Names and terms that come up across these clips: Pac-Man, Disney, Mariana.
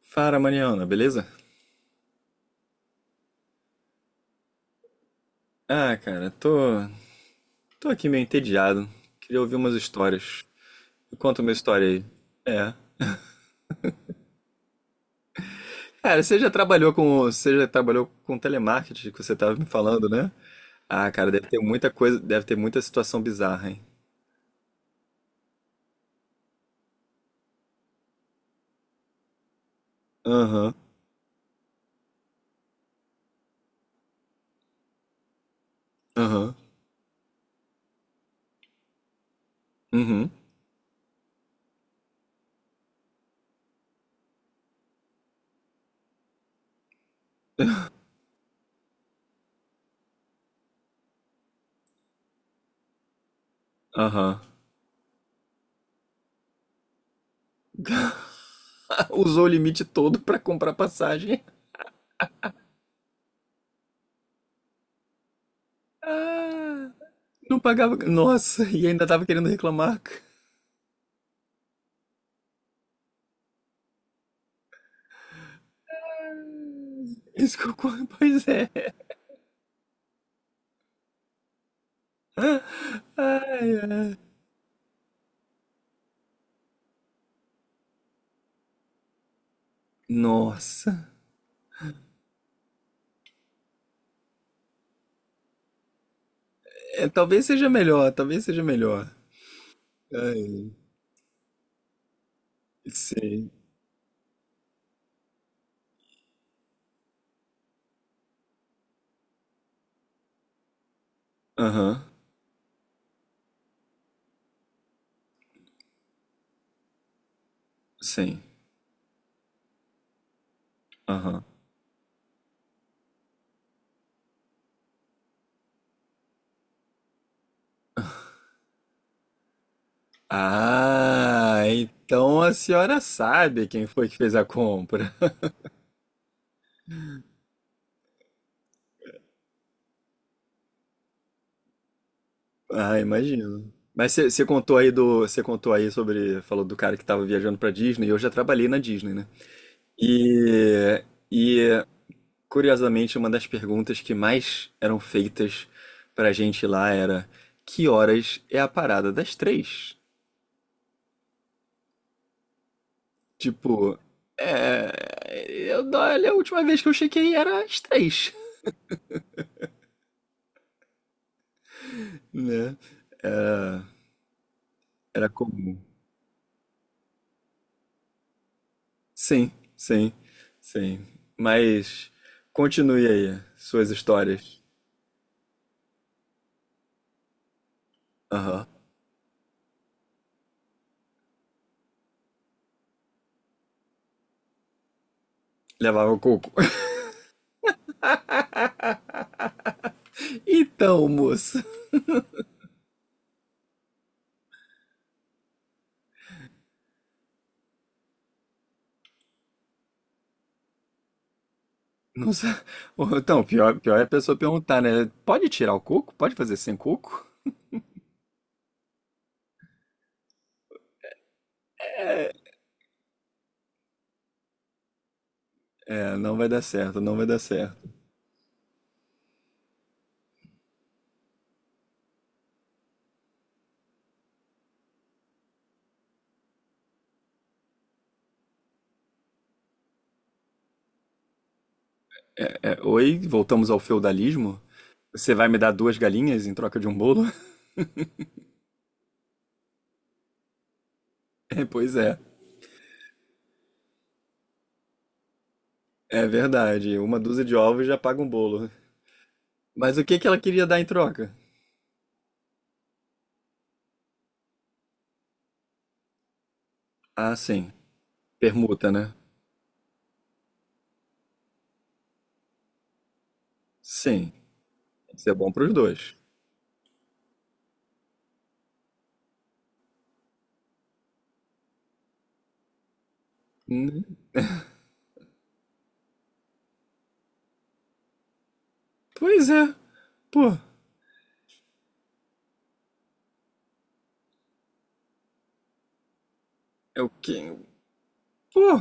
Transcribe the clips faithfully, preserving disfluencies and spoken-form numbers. Fala, Mariana, beleza? Ah, cara, tô, tô aqui meio entediado. Queria ouvir umas histórias. Me Conta uma história aí. É. Cara, você já trabalhou com, você já trabalhou com telemarketing que você tava me falando, né? Ah, cara, deve ter muita coisa, deve ter muita situação bizarra, hein? Aham, aham, uhum, aham. Usou o limite todo pra comprar passagem. Ah, não pagava. Nossa, e ainda tava querendo reclamar. Isso que eu... Pois é. Ai, ai. Nossa. É, talvez seja melhor, talvez seja melhor. Ai, sim. Aham. Sim. Aham. Ah, então a senhora sabe quem foi que fez a compra. Ah, imagino. Mas você contou aí do, você contou aí sobre, falou do cara que tava viajando pra Disney, e eu já trabalhei na Disney, né? E, e curiosamente, uma das perguntas que mais eram feitas pra gente lá era: que horas é a parada das três? Tipo, é, eu, olha, a última vez que eu chequei era às três, né? Era, era comum. Sim, sim, sim. Mas continue aí suas histórias. Aham. Levava coco. Então, moça. Não sei. Então, pior, pior é a pessoa perguntar, né? Pode tirar o coco? Pode fazer sem coco? É, não vai dar certo, não vai dar certo. É, oi, voltamos ao feudalismo? Você vai me dar duas galinhas em troca de um bolo? É, pois é. É verdade, uma dúzia de ovos já paga um bolo. Mas o que que ela queria dar em troca? Ah, sim, permuta, né? Sim, tem que ser bom pros dois. Hum, Pois é, pô, é o quê? Pô,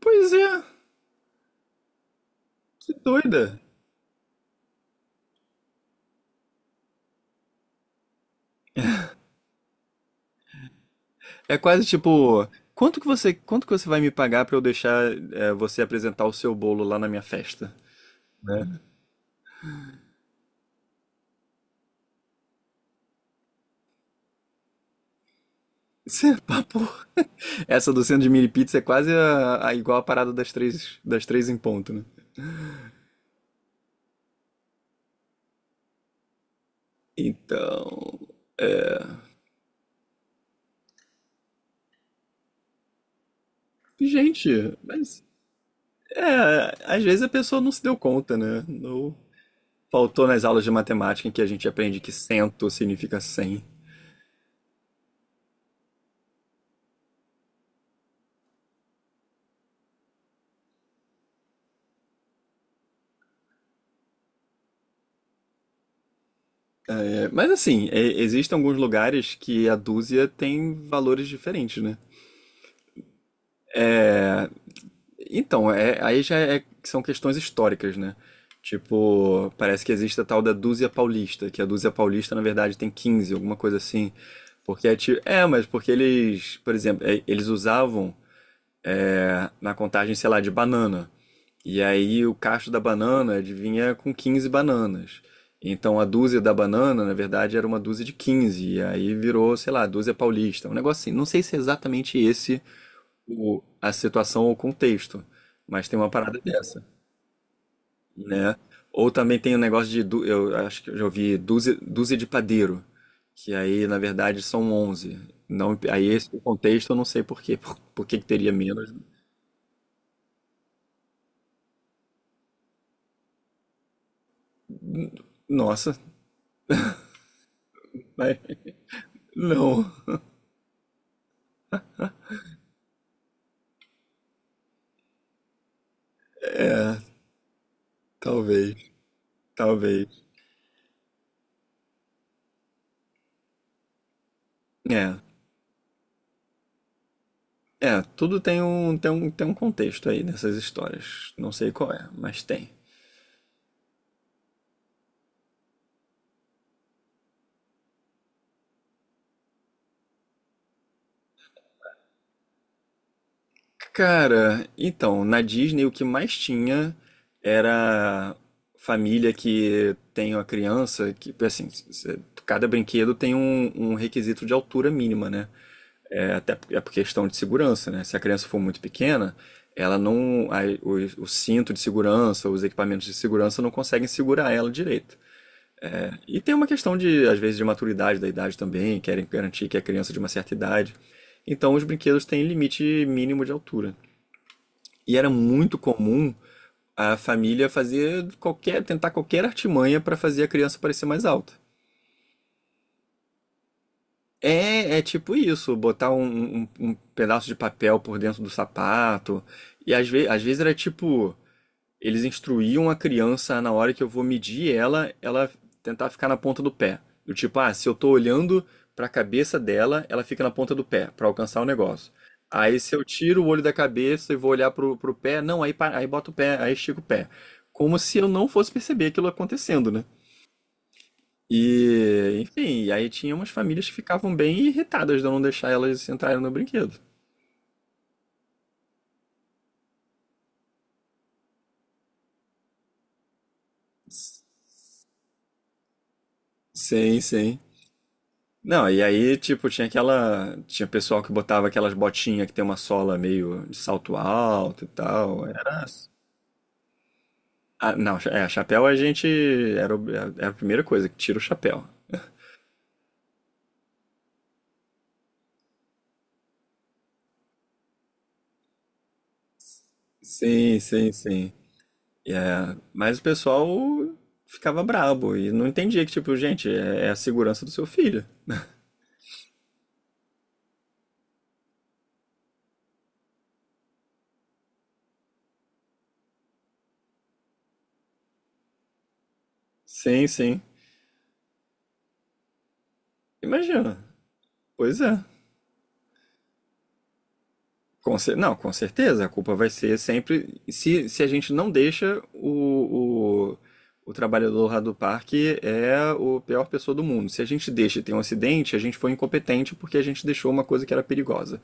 pois é, que doida. É quase tipo, quanto que você, quanto que você vai me pagar pra eu deixar é, você apresentar o seu bolo lá na minha festa? Né? Isso é papo. Essa do centro de mini pizza é quase a, a- igual a parada das três, das três em ponto, né? Então, gente, mas é, às vezes a pessoa não se deu conta, né? Não faltou nas aulas de matemática em que a gente aprende que cento significa cem. É, mas assim, é, existem alguns lugares que a dúzia tem valores diferentes, né? Então, é, aí já é- são questões históricas, né? Tipo, parece que existe a tal da dúzia paulista, que a dúzia paulista, na verdade, tem quinze alguma coisa assim. Porque é tipo. É, mas porque eles, por exemplo, é, eles usavam é, na contagem, sei lá, de banana. E aí o cacho da banana adivinha é com quinze bananas. Então a dúzia da banana, na verdade, era uma dúzia de quinze. E aí virou, sei lá, dúzia paulista. Um negócio assim. Não sei se é exatamente esse o, a situação ou o contexto, mas tem uma parada dessa, né? Ou também tem o um negócio de, dú- eu acho que eu já ouvi, dúzia, dúzia de padeiro. Que aí, na verdade, são onze. Não, aí esse contexto eu não sei por quê. Por, por que que teria menos? Nossa, mas não. É, talvez. Talvez. É. É, tudo tem um, tem um, tem um contexto aí nessas histórias. Não sei qual é, mas tem. Cara, então, na Disney o que mais tinha era família que tem uma criança que, assim, c- cada brinquedo tem um, um requisito de altura mínima, né? É, até por- é por questão de segurança, né? Se a criança for muito pequena, ela não, a- o, o cinto de segurança, os equipamentos de segurança não conseguem segurar ela direito. E tem uma questão de, às vezes, de maturidade da idade também, querem garantir que é criança é de uma certa idade. Então os brinquedos têm limite mínimo de altura. E era muito comum a família fazer qualquer, tentar qualquer artimanha para fazer a criança parecer mais alta. É, é tipo isso, botar um, um- um pedaço de papel por dentro do sapato. E às, ve às vezes era tipo. Eles instruíam a criança a, na hora que eu vou medir ela, ela tentar ficar na ponta do pé. Do tipo, ah, se eu tô olhando pra cabeça dela, ela fica na ponta do pé pra alcançar o negócio. Aí se eu tiro o olho da cabeça e vou olhar pro, pro pé, não, aí, pa- aí boto o pé, aí estico o pé. Como se eu não fosse perceber aquilo acontecendo, né? E, enfim, aí tinha umas famílias que ficavam bem irritadas de eu não deixar elas entrarem no brinquedo. Sim, sim. Não, e aí, tipo, tinha aquela. Tinha pessoal que botava aquelas botinhas que tem uma sola meio de salto alto e tal. Era. Ah, não, é, chapéu a gente. Era, o- era a primeira coisa, que tira o chapéu. Sim, sim, sim. E é, mas o pessoal ficava brabo e não entendia que, tipo, gente, é, é a segurança do seu filho. Sim, sim. Imagina. Pois é. Com cer- não, com certeza, a culpa vai ser sempre. Se, se a gente não deixa o, o, o trabalhador lá do parque é o pior pessoa do mundo. Se a gente deixa e tem um acidente, a gente foi incompetente porque a gente deixou uma coisa que era perigosa.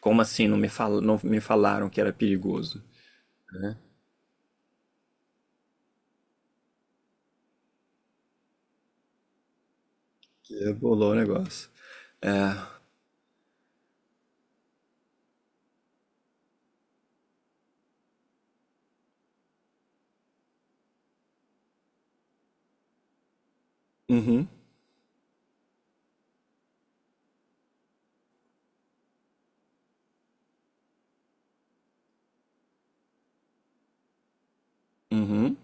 Como assim não me, fal, não me falaram que era perigoso? Né? Que bolou o negócio. É. Uhum. Uhum.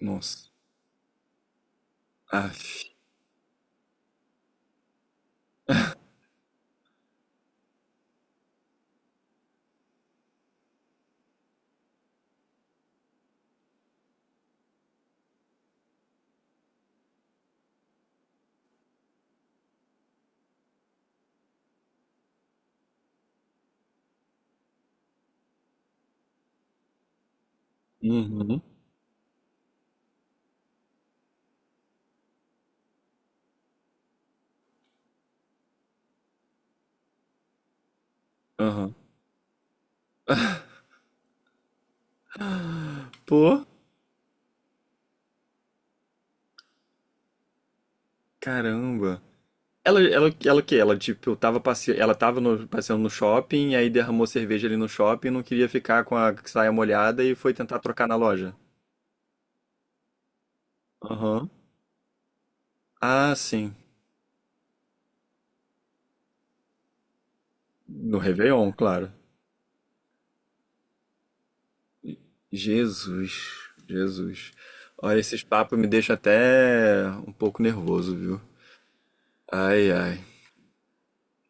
Nossa. Aff. Uhum. Aham. Pô. Caramba. Ela, ela, ela o quê? Ela, tipo, tava passe... ela tava no- passeando no shopping, aí derramou cerveja ali no shopping, não queria ficar com a saia molhada e foi tentar trocar na loja. Aham. Ah, sim. No Réveillon, claro. Jesus, Jesus. Olha, esses papos me deixam até um pouco nervoso, viu? Ai, ai.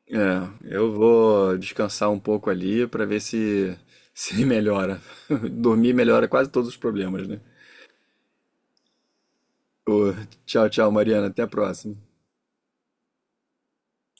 É, eu vou descansar um pouco ali pra ver se se melhora. Dormir melhora quase todos os problemas, né? Ô, tchau, tchau, Mariana. Até a próxima.